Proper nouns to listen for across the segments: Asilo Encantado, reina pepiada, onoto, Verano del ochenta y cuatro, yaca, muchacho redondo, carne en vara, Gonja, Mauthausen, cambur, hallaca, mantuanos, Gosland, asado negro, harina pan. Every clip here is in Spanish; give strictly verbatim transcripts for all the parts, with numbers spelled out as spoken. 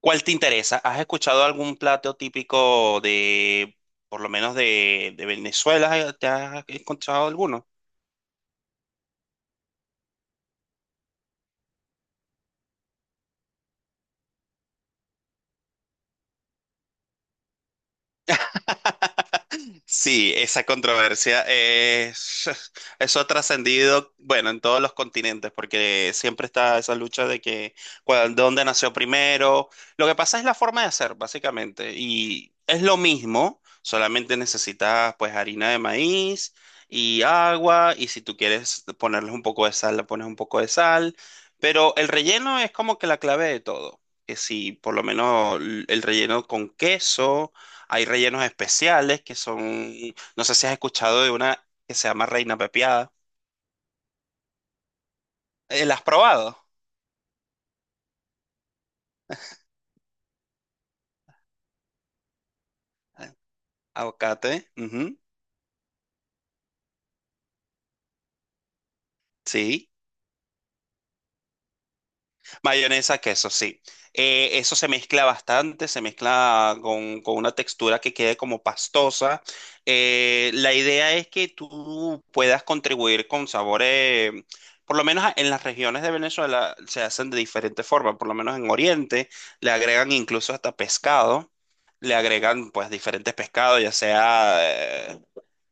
¿Cuál te interesa? ¿Has escuchado algún plato típico de, por lo menos de, de Venezuela? ¿Te has encontrado alguno? Sí, esa controversia es, eso ha trascendido, bueno, en todos los continentes, porque siempre está esa lucha de que cuál- dónde nació primero. Lo que pasa es la forma de hacer, básicamente, y es lo mismo, solamente necesitas pues harina de maíz y agua, y si tú quieres ponerles un poco de sal, le pones un poco de sal, pero el relleno es como que la clave de todo. Que si por lo menos el relleno con queso hay rellenos especiales que son, no sé si has escuchado de una que se llama reina pepiada. Eh, ¿La has probado? Aguacate. ujú, Sí. Mayonesa, queso, sí. Eh, eso se mezcla bastante, se mezcla con, con una textura que quede como pastosa. Eh, la idea es que tú puedas contribuir con sabores, por lo menos a- en las regiones de Venezuela se hacen de diferentes formas, por lo menos en Oriente le agregan incluso hasta pescado, le agregan pues diferentes pescados, ya sea, eh,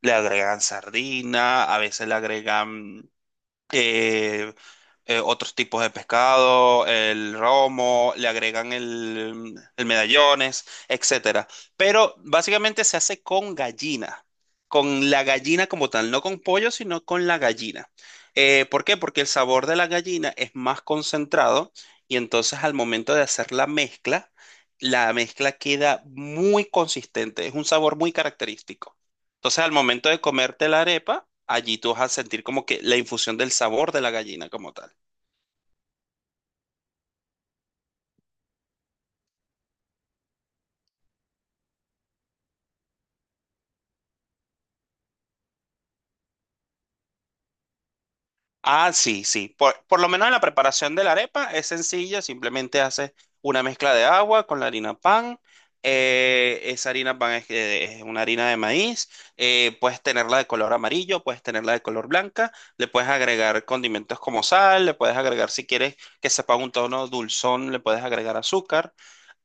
le agregan sardina, a veces le agregan eh, eh, otros tipos de pescado, el romo, le agregan el, el medallones, etcétera. Pero básicamente se hace con gallina, con la gallina como tal, no con pollo, sino con la gallina. Eh, ¿por qué? Porque el sabor de la gallina es más concentrado y entonces al momento de hacer la mezcla, la mezcla queda muy consistente, es un sabor muy característico. Entonces, al momento de comerte la arepa, allí tú vas a sentir como que la infusión del sabor de la gallina como tal. Ah, sí, sí. Por, por lo menos en la preparación de la arepa es sencilla, simplemente haces una mezcla de agua con la harina pan. Eh, esa harina pan es, eh, es una harina de maíz. Eh, puedes tenerla de color amarillo, puedes tenerla de color blanca. Le puedes agregar condimentos como sal, le puedes agregar si quieres que sepa un tono dulzón, le puedes agregar azúcar.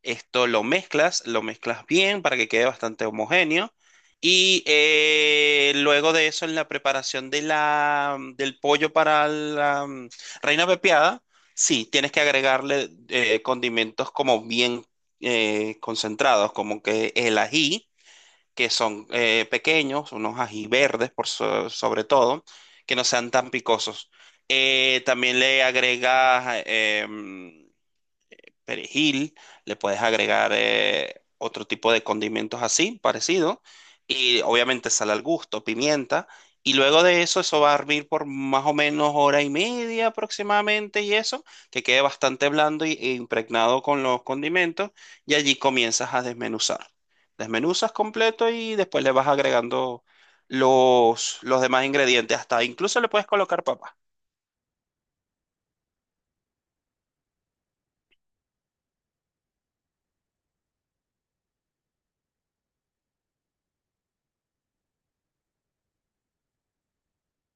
Esto lo mezclas, lo mezclas bien para que quede bastante homogéneo. Y eh, luego de eso, en la preparación de la, del pollo para la mm, reina pepiada, sí, tienes que agregarle eh, condimentos como bien eh, concentrados, como que el ají, que son eh, pequeños, unos ají verdes por so- sobre todo, que no sean tan picosos. Eh, también le agregas eh, mm, perejil, le puedes agregar eh, otro tipo de condimentos así, parecido, y obviamente sal al gusto, pimienta, y luego de eso eso va a hervir por más o menos hora y media aproximadamente y eso, que quede bastante blando y, e impregnado con los condimentos, y allí comienzas a desmenuzar. Desmenuzas completo y después le vas agregando los, los demás ingredientes, hasta incluso le puedes colocar papas,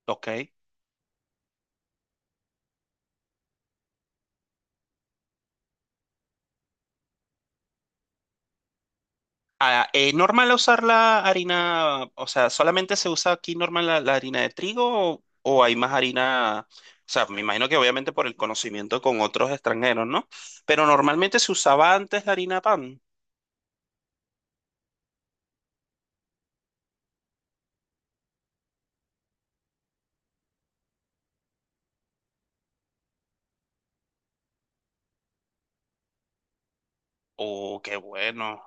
¿ok? Ah, eh, ¿normal usar la harina? O sea, ¿solamente se usa aquí normal la, la harina de trigo o, o hay más harina? O sea, me imagino que obviamente por el conocimiento con otros extranjeros, ¿no? Pero normalmente se usaba antes la harina de pan. Oh, qué bueno.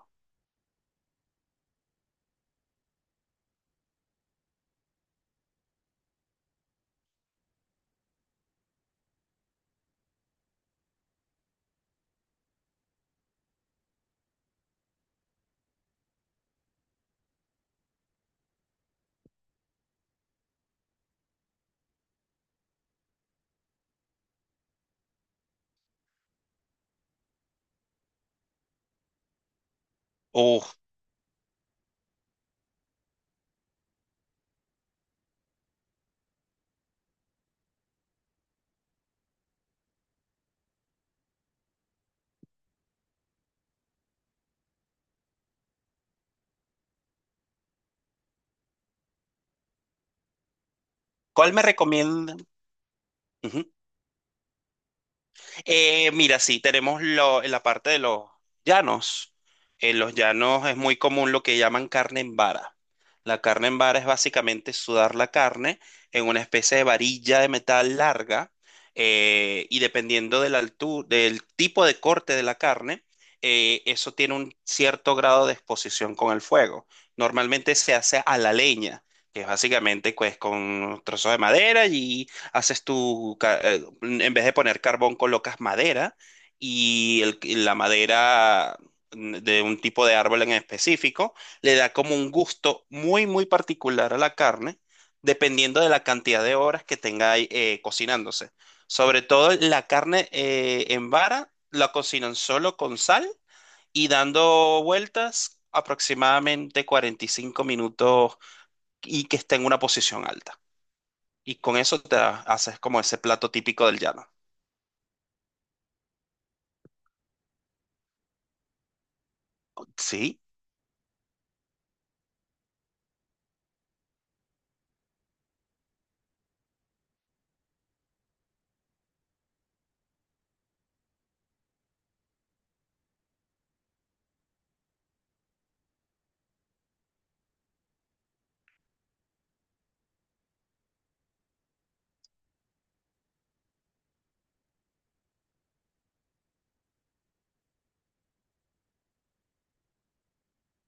Oh, ¿cuál me recomienda? Eh, mira, sí, tenemos lo, en la parte de los llanos. En los llanos es muy común lo que llaman carne en vara. La carne en vara es básicamente sudar la carne en una especie de varilla de metal larga eh, y dependiendo de la altu- del tipo de corte de la carne, eh, eso tiene un cierto grado de exposición con el fuego. Normalmente se hace a la leña, que es básicamente pues, con trozos de madera haces tu, ca- eh, en vez de poner carbón, colocas madera y el- y la madera mm, de un tipo de árbol en específico le da como un gusto muy, muy particular a la carne, dependiendo de la cantidad de horas que tenga ahí, eh, cocinándose. Sobre todo la carne eh, en vara la cocinan solo con sal y dando vueltas aproximadamente cuarenta y cinco minutos y que esté en una posición alta. Y con eso te ha- haces como ese plato típico del llano. Sí,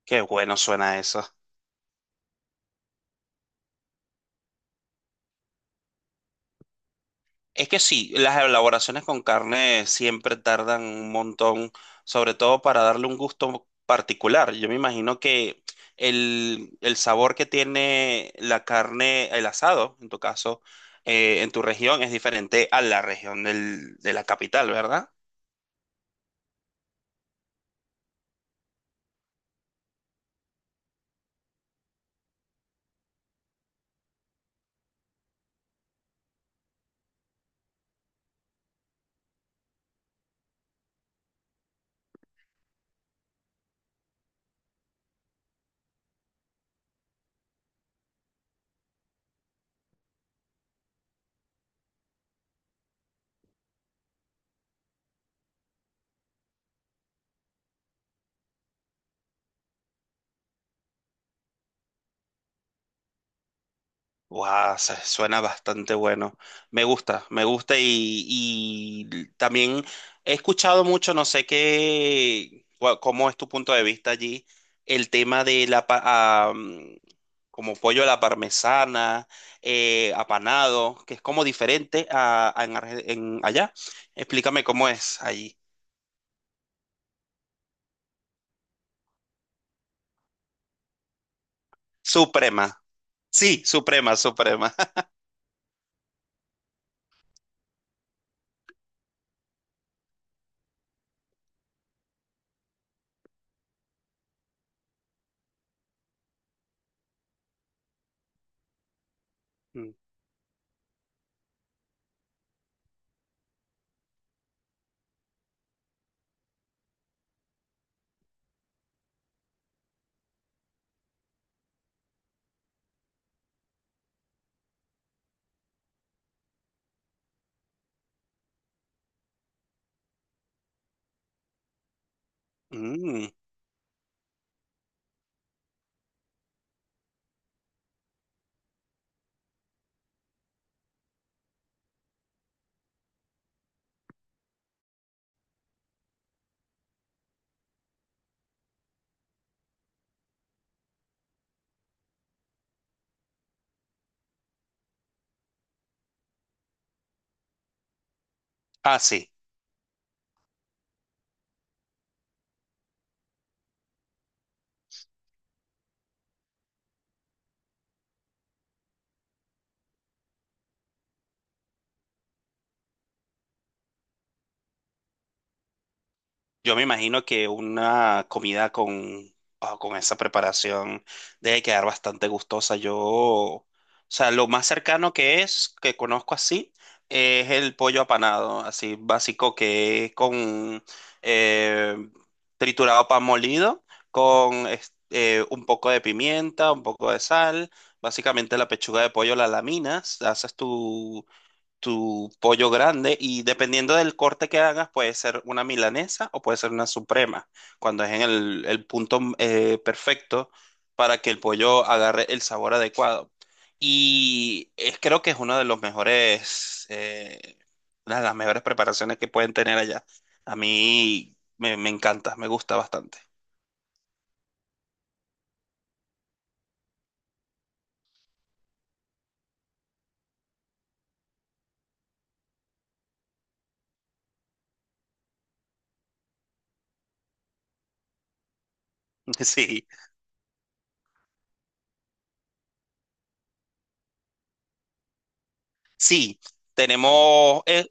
qué bueno suena eso. Es que sí, las elaboraciones con carne siempre tardan un montón, sobre todo para darle un gusto particular. Yo me imagino que el, el sabor que tiene la carne, el asado, en tu caso, eh, en tu región, es diferente a la región del- de la capital, ¿verdad? Guau, se- suena bastante bueno. Me gusta, me gusta y, y también he escuchado mucho, no sé qué, cua- cómo es tu punto de vista allí, el tema de la, pa- ah, mm, como pollo a la parmesana, eh, apanado, que es como diferente a, a en, Arge- en allá. Explícame cómo es allí. Suprema. Sí, suprema, suprema. Mm. Mm. Ah, sí. Yo me imagino que una comida con, ah, con esa preparación debe quedar bastante gustosa. Yo, o sea, lo más cercano que es, que conozco así, es el pollo apanado, así básico que es con eh, triturado pan molido, con es- eh, un poco de pimienta, un poco de sal. Básicamente la pechuga de pollo la laminas, haces tu pollo grande y dependiendo del corte que hagas puede ser una milanesa o puede ser una suprema, cuando es en el, el punto eh, perfecto para que el pollo agarre el sabor adecuado. Y es, creo que es una de los mejores, eh, una de las mejores preparaciones que pueden tener allá. A mí me, me encanta, me gusta bastante. Sí, sí. Tenemos, eh,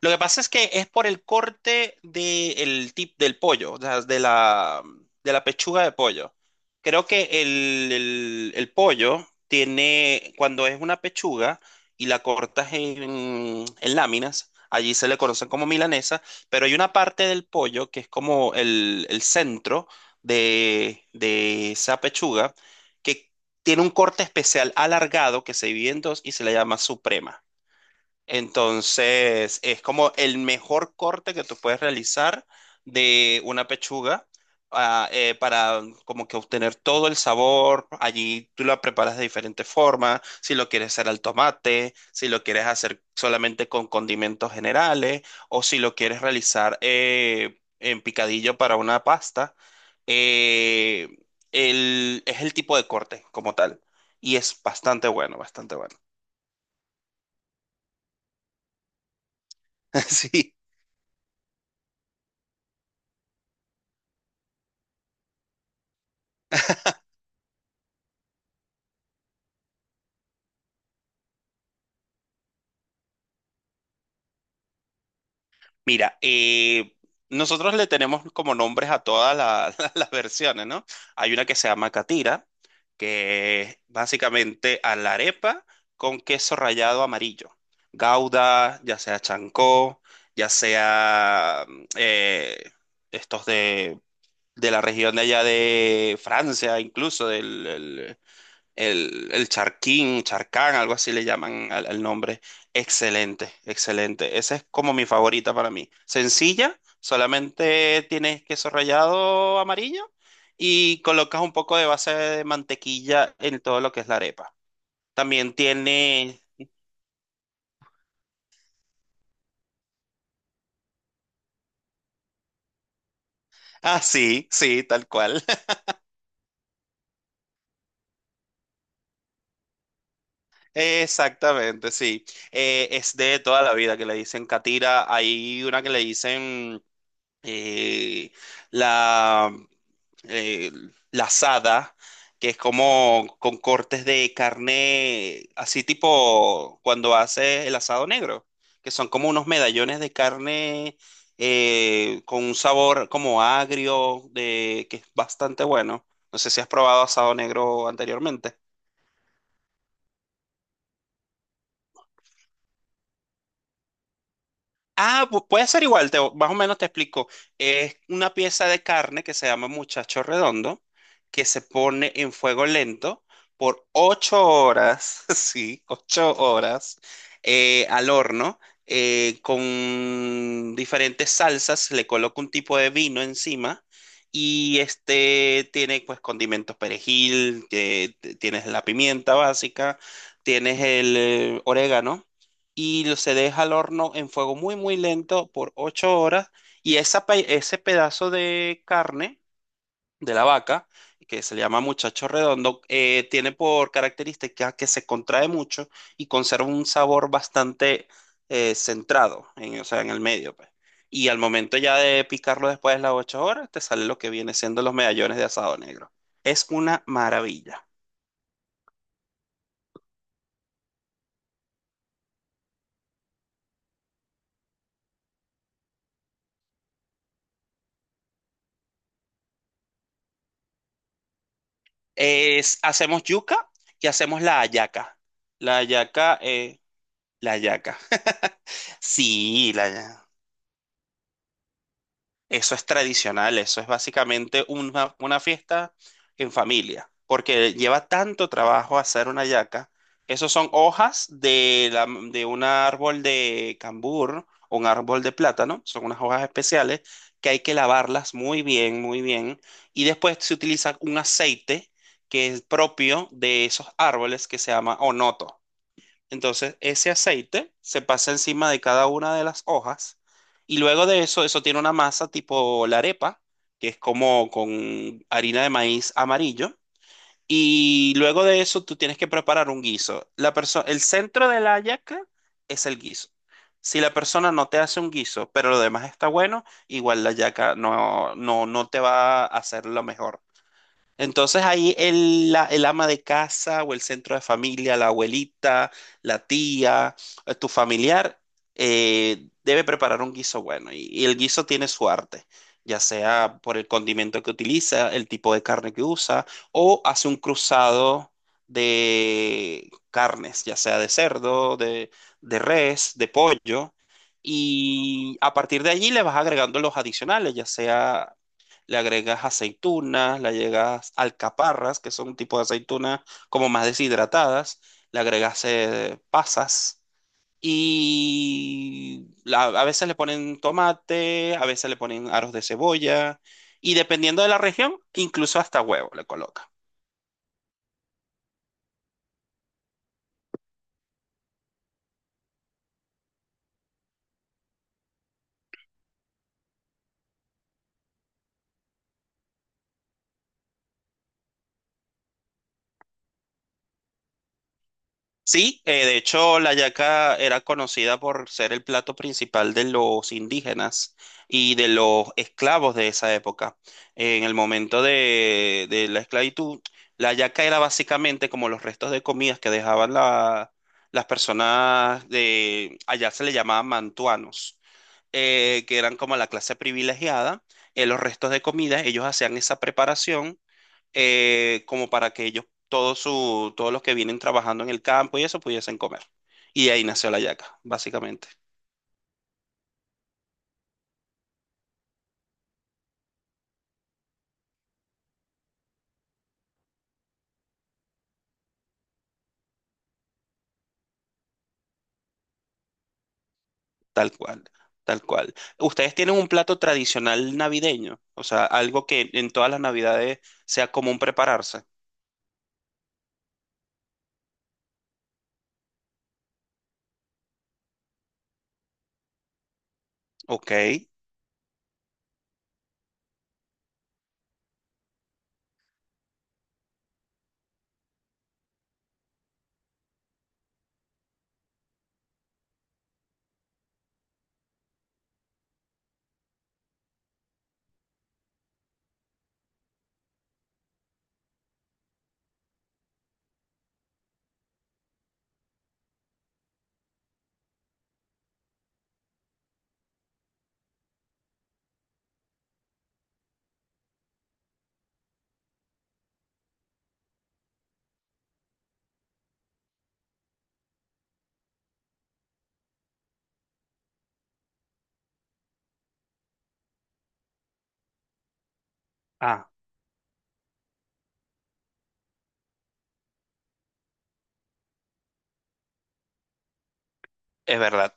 lo que pasa es que es por el corte del tip del pollo, o sea, de la, de la pechuga de pollo. Creo que el, el- el pollo tiene, cuando es una pechuga y la cortas en, en láminas, allí se le conocen como milanesa, pero hay una parte del pollo que es como el, el centro de, de esa pechuga que tiene un corte especial alargado que se divide en dos y se le llama suprema. Entonces, es como el mejor corte que tú puedes realizar de una pechuga ah, eh, para como que obtener todo el sabor. Allí tú la preparas de diferentes formas, si lo quieres hacer al tomate, si lo quieres hacer solamente con condimentos generales o si lo quieres realizar eh, en picadillo para una pasta. Eh, el- es el tipo de corte como tal y es bastante bueno, bastante bueno. Sí. Mira, eh, nosotros le tenemos como nombres a todas la- las versiones, ¿no? Hay una que se llama catira, que es básicamente a la arepa con queso rallado amarillo. Gouda, ya sea chancó, ya sea mm, eh, estos de, de la región de allá de Francia, incluso el, el charquín, charcán, algo así le llaman al, al nombre. Excelente, excelente. Esa es como mi favorita para mí. Sencilla, solamente tienes queso rallado amarillo y colocas un poco de base de mantequilla en todo lo que es la arepa. También tiene... Ah, sí, sí, tal cual. Exactamente, sí. Eh, es de toda la vida que le dicen catira. Hay una que le dicen eh, la, eh, la asada, que es como con cortes de carne, así tipo cuando hace el asado negro, que son como unos medallones de carne eh, con un sabor como agrio, de, que es bastante bueno. No sé si has probado asado negro anteriormente. Ah, pu- puede ser igual, te- más o menos te explico. Es una pieza de carne que se llama muchacho redondo, que se pone en fuego lento por ocho horas, sí, ocho horas eh, al horno, eh, con diferentes salsas, le coloco un tipo de vino encima y este tiene pues condimentos perejil, que t- tienes la pimienta básica, tienes el eh, orégano y lo- se deja al horno en fuego muy, muy lento por ocho horas. Y esa, pe- ese pedazo de carne de la vaca, que se le llama muchacho redondo, eh, tiene por característica que se contrae mucho y conserva un sabor bastante eh, centrado, en, o sea, en el medio, pues. Y al momento ya de picarlo después de las ocho horas, te sale lo que viene siendo los medallones de asado negro. Es una maravilla. Es, hacemos yuca y hacemos la hallaca. La hallaca eh, La hallaca. Sí, la hallaca. Eso es tradicional, eso es básicamente una, una fiesta en familia, porque lleva tanto trabajo hacer una hallaca. Esos son hojas de, la- de un árbol de cambur o un árbol de plátano, son unas hojas especiales que hay que lavarlas muy bien, muy bien, y después se utiliza un aceite que es propio de esos árboles que se llama onoto. Entonces, ese aceite se pasa encima de cada una de las hojas y luego de eso, eso tiene una masa tipo la arepa, que es como con harina de maíz amarillo. Y luego de eso, tú tienes que preparar un guiso. La perso- el centro de la hallaca es el guiso. Si la persona no te hace un guiso, pero lo demás está bueno, igual la hallaca no, no, no te va a hacer lo mejor. Entonces ahí el, la- el ama de casa o el centro de familia, la abuelita, la tía, eh, tu familiar, eh, debe preparar un guiso bueno y, y el guiso tiene su arte, ya sea por el condimento que utiliza, el tipo de carne que usa o hace un cruzado de carnes, ya sea de cerdo, de, de res, de pollo. Y a partir de allí le vas agregando los adicionales, ya sea le agregas aceitunas, le agregas alcaparras, que son un tipo de aceitunas como más deshidratadas, le agregas eh, pasas y la- a veces le ponen tomate, a veces le ponen aros de cebolla y dependiendo de la región, incluso hasta huevo le colocan. Sí, eh, de hecho la yaca era conocida por ser el plato principal de los indígenas y de los esclavos de esa época. En el momento de, de la esclavitud, la yaca era básicamente como los restos de comidas que dejaban la- las personas de, allá se le llamaban mantuanos, eh, que eran como la clase privilegiada. En los restos de comida, ellos hacían esa preparación eh, como para que ellos, todos, su, todos los que vienen trabajando en el campo y eso, pudiesen comer. Y de ahí nació la yaca, básicamente, tal cual, tal cual. ¿Ustedes tienen un plato tradicional navideño? O sea, algo que en todas las navidades sea común prepararse. Ok. Ah, es verdad.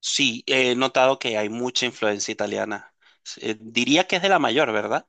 Sí, he notado que hay mucha influencia italiana. Eh, diría que es de la mayor, ¿verdad?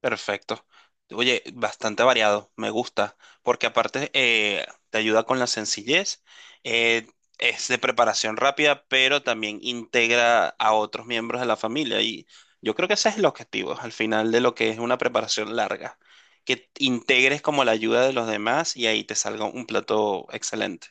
Perfecto. Oye, bastante variado, me gusta, porque aparte eh, te ayuda con la sencillez, eh, es de preparación rápida, pero también integra a otros miembros de la familia y yo creo que ese es el objetivo al final de lo que es una preparación larga, que integres como la ayuda de los demás y ahí te salga un plato excelente.